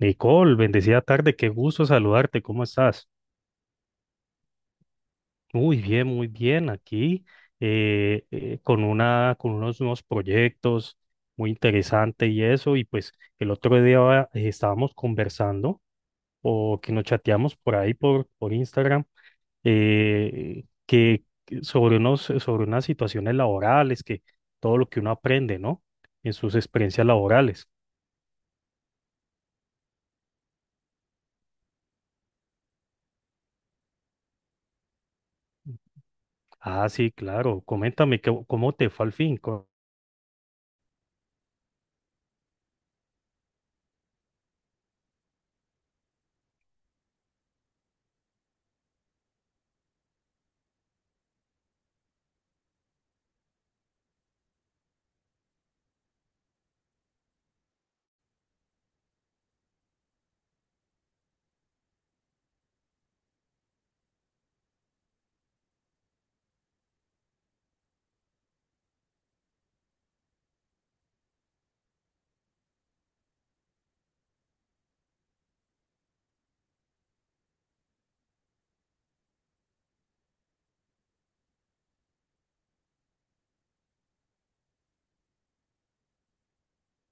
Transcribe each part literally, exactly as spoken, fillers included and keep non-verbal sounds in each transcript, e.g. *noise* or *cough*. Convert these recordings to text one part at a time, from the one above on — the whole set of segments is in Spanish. Nicole, bendecida tarde, qué gusto saludarte, ¿cómo estás? Muy bien, muy bien, aquí eh, eh, con una, con unos nuevos proyectos muy interesante. Y eso, y pues el otro día eh, estábamos conversando, o que nos chateamos por ahí por, por Instagram, eh, que que sobre unos, sobre unas situaciones laborales, que todo lo que uno aprende, ¿no? En sus experiencias laborales. Ah, sí, claro, coméntame, ¿qué- ¿cómo te fue al fin?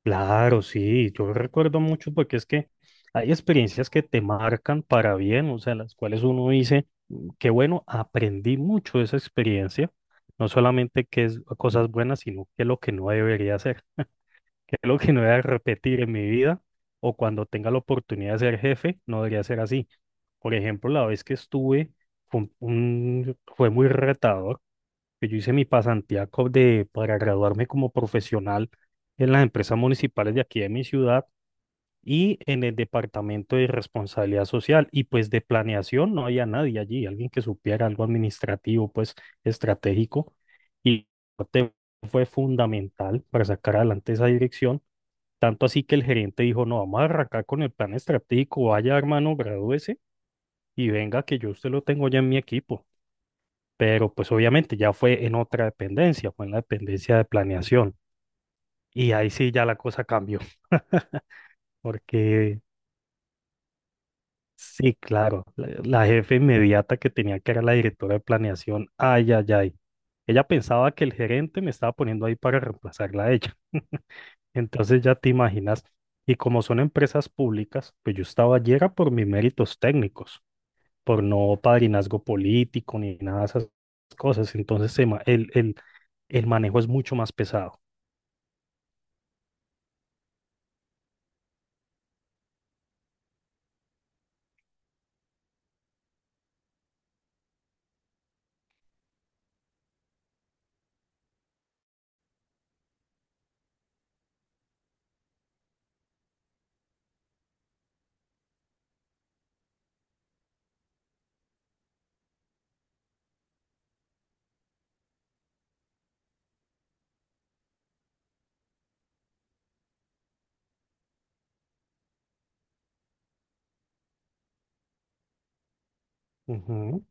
Claro, sí, yo recuerdo mucho porque es que hay experiencias que te marcan para bien, o sea, las cuales uno dice, "Mm, qué bueno, aprendí mucho de esa experiencia, no solamente que es cosas buenas, sino que es lo que no debería hacer, *laughs* que es lo que no debería repetir en mi vida, o cuando tenga la oportunidad de ser jefe, no debería ser así. Por ejemplo, la vez que estuve fue, un- fue muy retador, que yo hice mi pasantía co- de, para graduarme como profesional en las empresas municipales de aquí de mi ciudad y en el departamento de responsabilidad social. Y pues de planeación no había nadie allí, alguien que supiera algo administrativo, pues estratégico. Y te- fue fundamental para sacar adelante esa dirección. Tanto así que el gerente dijo, no, vamos a arrancar con el plan estratégico, vaya hermano, gradúese y venga que yo usted lo tengo ya en mi equipo, pero pues obviamente ya fue en otra dependencia, fue en la dependencia de planeación. Y ahí sí ya la cosa cambió, *laughs* porque sí, claro, la, la jefe inmediata que tenía que era la directora de planeación, ay, ay, ay. Ella pensaba que el gerente me estaba poniendo ahí para reemplazarla a ella. *laughs* Entonces ya te imaginas. Y como son empresas públicas, pues yo estaba allí era por mis méritos técnicos, por no padrinazgo político ni nada de esas cosas. Entonces se ma- el, el, el manejo es mucho más pesado. Ujú.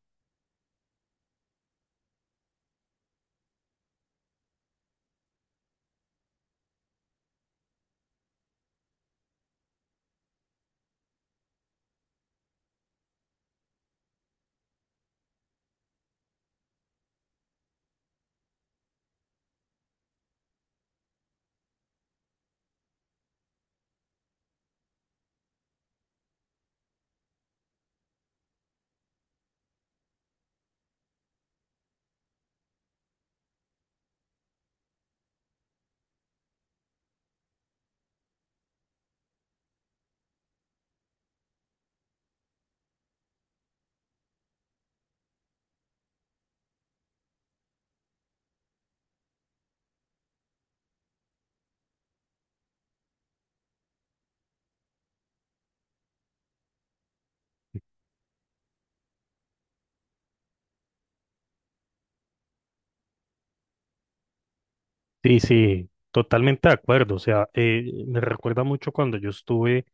Sí, sí, totalmente de acuerdo. O sea, eh, me recuerda mucho cuando yo estuve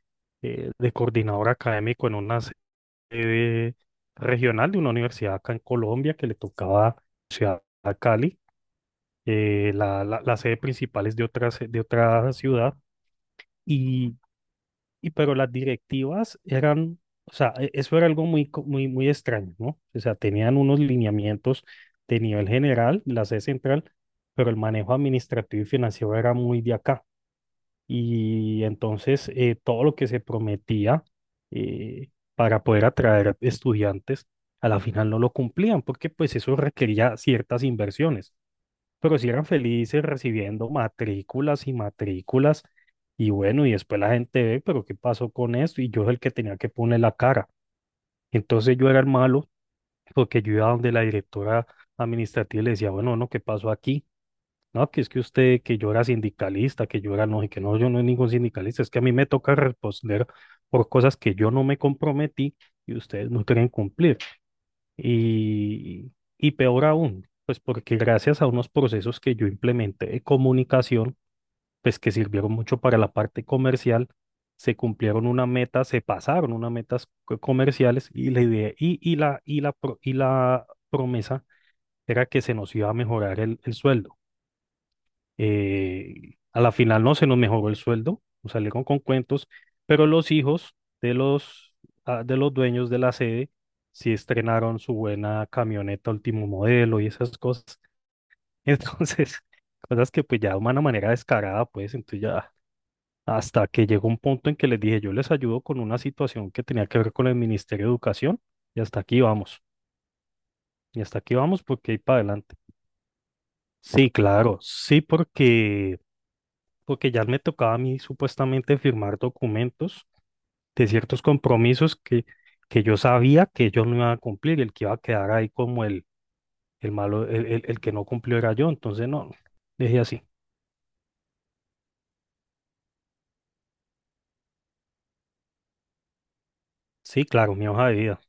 eh, de coordinador académico en una sede regional de una universidad acá en Colombia, que le tocaba ciudad a Cali. Eh, la, la, la sede principal es de otra, se- de otra ciudad. Y y pero las directivas eran, o sea, e- eso era algo muy, co- muy, muy extraño, ¿no? O sea, tenían unos lineamientos de nivel general, la C central, pero el manejo administrativo y financiero era muy de acá. Y entonces eh, todo lo que se prometía eh, para poder atraer estudiantes, a la final no lo cumplían, porque pues eso requería ciertas inversiones, pero sí eran felices recibiendo matrículas y matrículas. Y bueno, y después la gente ve, pero ¿qué pasó con esto? Y yo es el que tenía que poner la cara. Entonces yo era el malo, porque yo iba donde la directora administrativa y le decía, bueno, no, ¿qué pasó aquí? No, que es que usted, que yo era sindicalista, que yo era no, y que no, yo no soy ningún sindicalista, es que a mí me toca responder por cosas que yo no me comprometí y ustedes no quieren cumplir. Y, y peor aún, pues porque gracias a unos procesos que yo implementé de comunicación, pues que sirvieron mucho para la parte comercial, se cumplieron una meta, se pasaron unas metas co- comerciales, y la idea, y, y la, y la, pro- y la promesa era que se nos iba a mejorar el el sueldo. Eh, a la final no se nos mejoró el sueldo, nos salieron con cuentos, pero los hijos de los, ah, de los dueños de la sede sí estrenaron su buena camioneta último modelo y esas cosas. *laughs* Entonces, cosas que pues ya de una manera descarada, pues entonces ya, hasta que llegó un punto en que les dije, yo les ayudo con una situación que tenía que ver con el Ministerio de Educación, y hasta aquí vamos, y hasta aquí vamos, porque ahí para adelante. Sí, claro, sí, porque porque ya me tocaba a mí supuestamente firmar documentos de ciertos compromisos que, que yo sabía que ellos no iban a cumplir, y el que iba a quedar ahí como el, el malo, el, el- el que no cumplió era yo. Entonces, no, dije así, sí, claro, mi hoja de vida.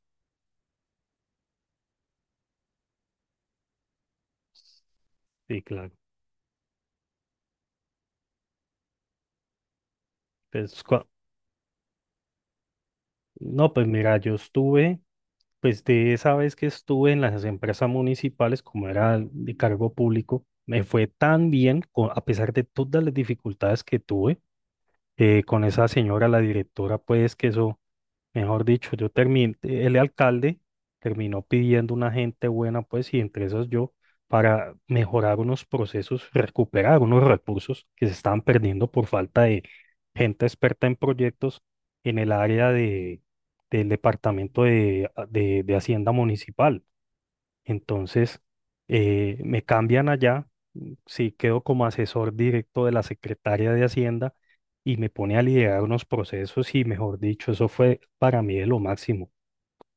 Sí, claro. Pues, cua- no, pues mira, yo estuve, pues de esa vez que estuve en las empresas municipales, como era de cargo público, me fue tan bien, co- a pesar de todas las dificultades que tuve eh, con esa señora, la directora, pues que eso. Mejor dicho, yo terminé, el alcalde terminó pidiendo una gente buena, pues, y entre esas yo, para mejorar unos procesos, recuperar unos recursos que se estaban perdiendo por falta de gente experta en proyectos en el área de, del departamento de, de de Hacienda Municipal. Entonces, eh, me cambian allá, mm, sí, quedo como asesor directo de la secretaria de Hacienda, y me pone a liderar unos procesos y, mejor dicho, eso fue para mí de lo máximo,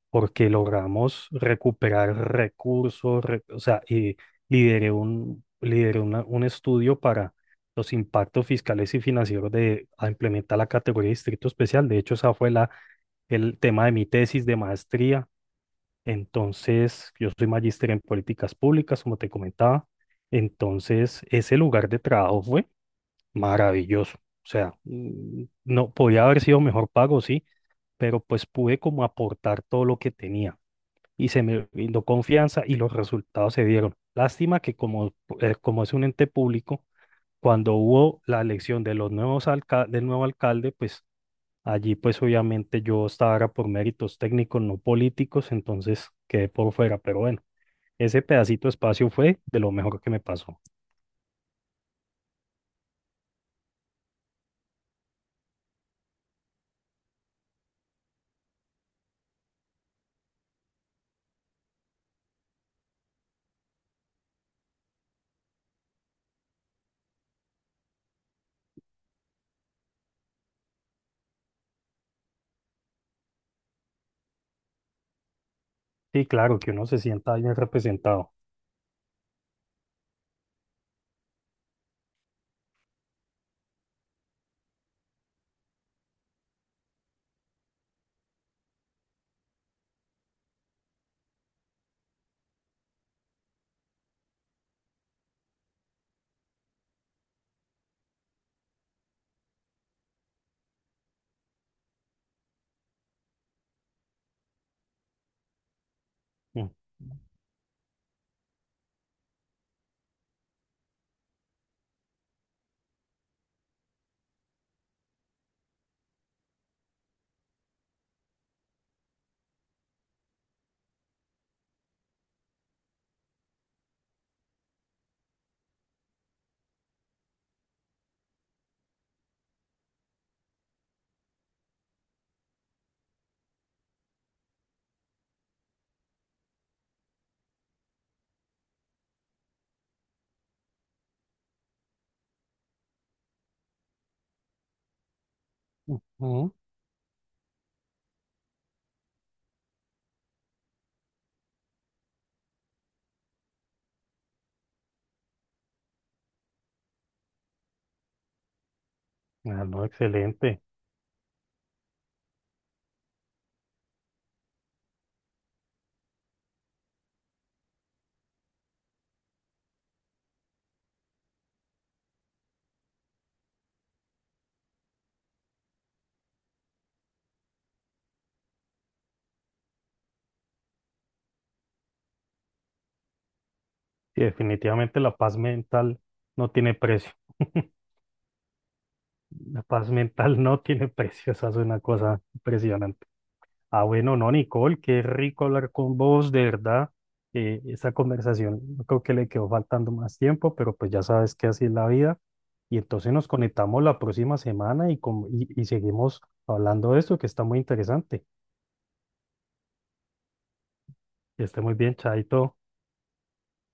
porque logramos recuperar recursos, re- o sea, y lideré un, lideré una- un estudio para los impactos fiscales y financieros de a implementar la categoría de distrito especial. De hecho, esa fue la, el tema de mi tesis de maestría. Entonces, yo soy magíster en políticas públicas, como te comentaba. Entonces, ese lugar de trabajo fue maravilloso. O sea, mm, no podía haber sido mejor pago, sí, pero pues pude como aportar todo lo que tenía, y se me brindó confianza y los resultados se dieron. Lástima que como, eh, como es un ente público, cuando hubo la elección de los nuevos alca- del nuevo alcalde, pues allí, pues obviamente yo estaba era por méritos técnicos, no políticos, entonces quedé por fuera, pero bueno, ese pedacito de espacio fue de lo mejor que me pasó. Sí, claro, que uno se sienta bien representado. Mm, mm, mm. Ah, no, excelente. Sí, definitivamente la paz mental no tiene precio. *laughs* La paz mental no tiene precio. Esa es una cosa impresionante. Ah, bueno, no, Nicole, qué rico hablar con vos, de verdad. Eh, esta conversación, yo creo que le quedó faltando más tiempo, pero pues ya sabes que así es la vida. Y entonces nos conectamos la próxima semana y, con- y, y seguimos hablando de esto, que está muy interesante. Que esté muy bien, Chaito.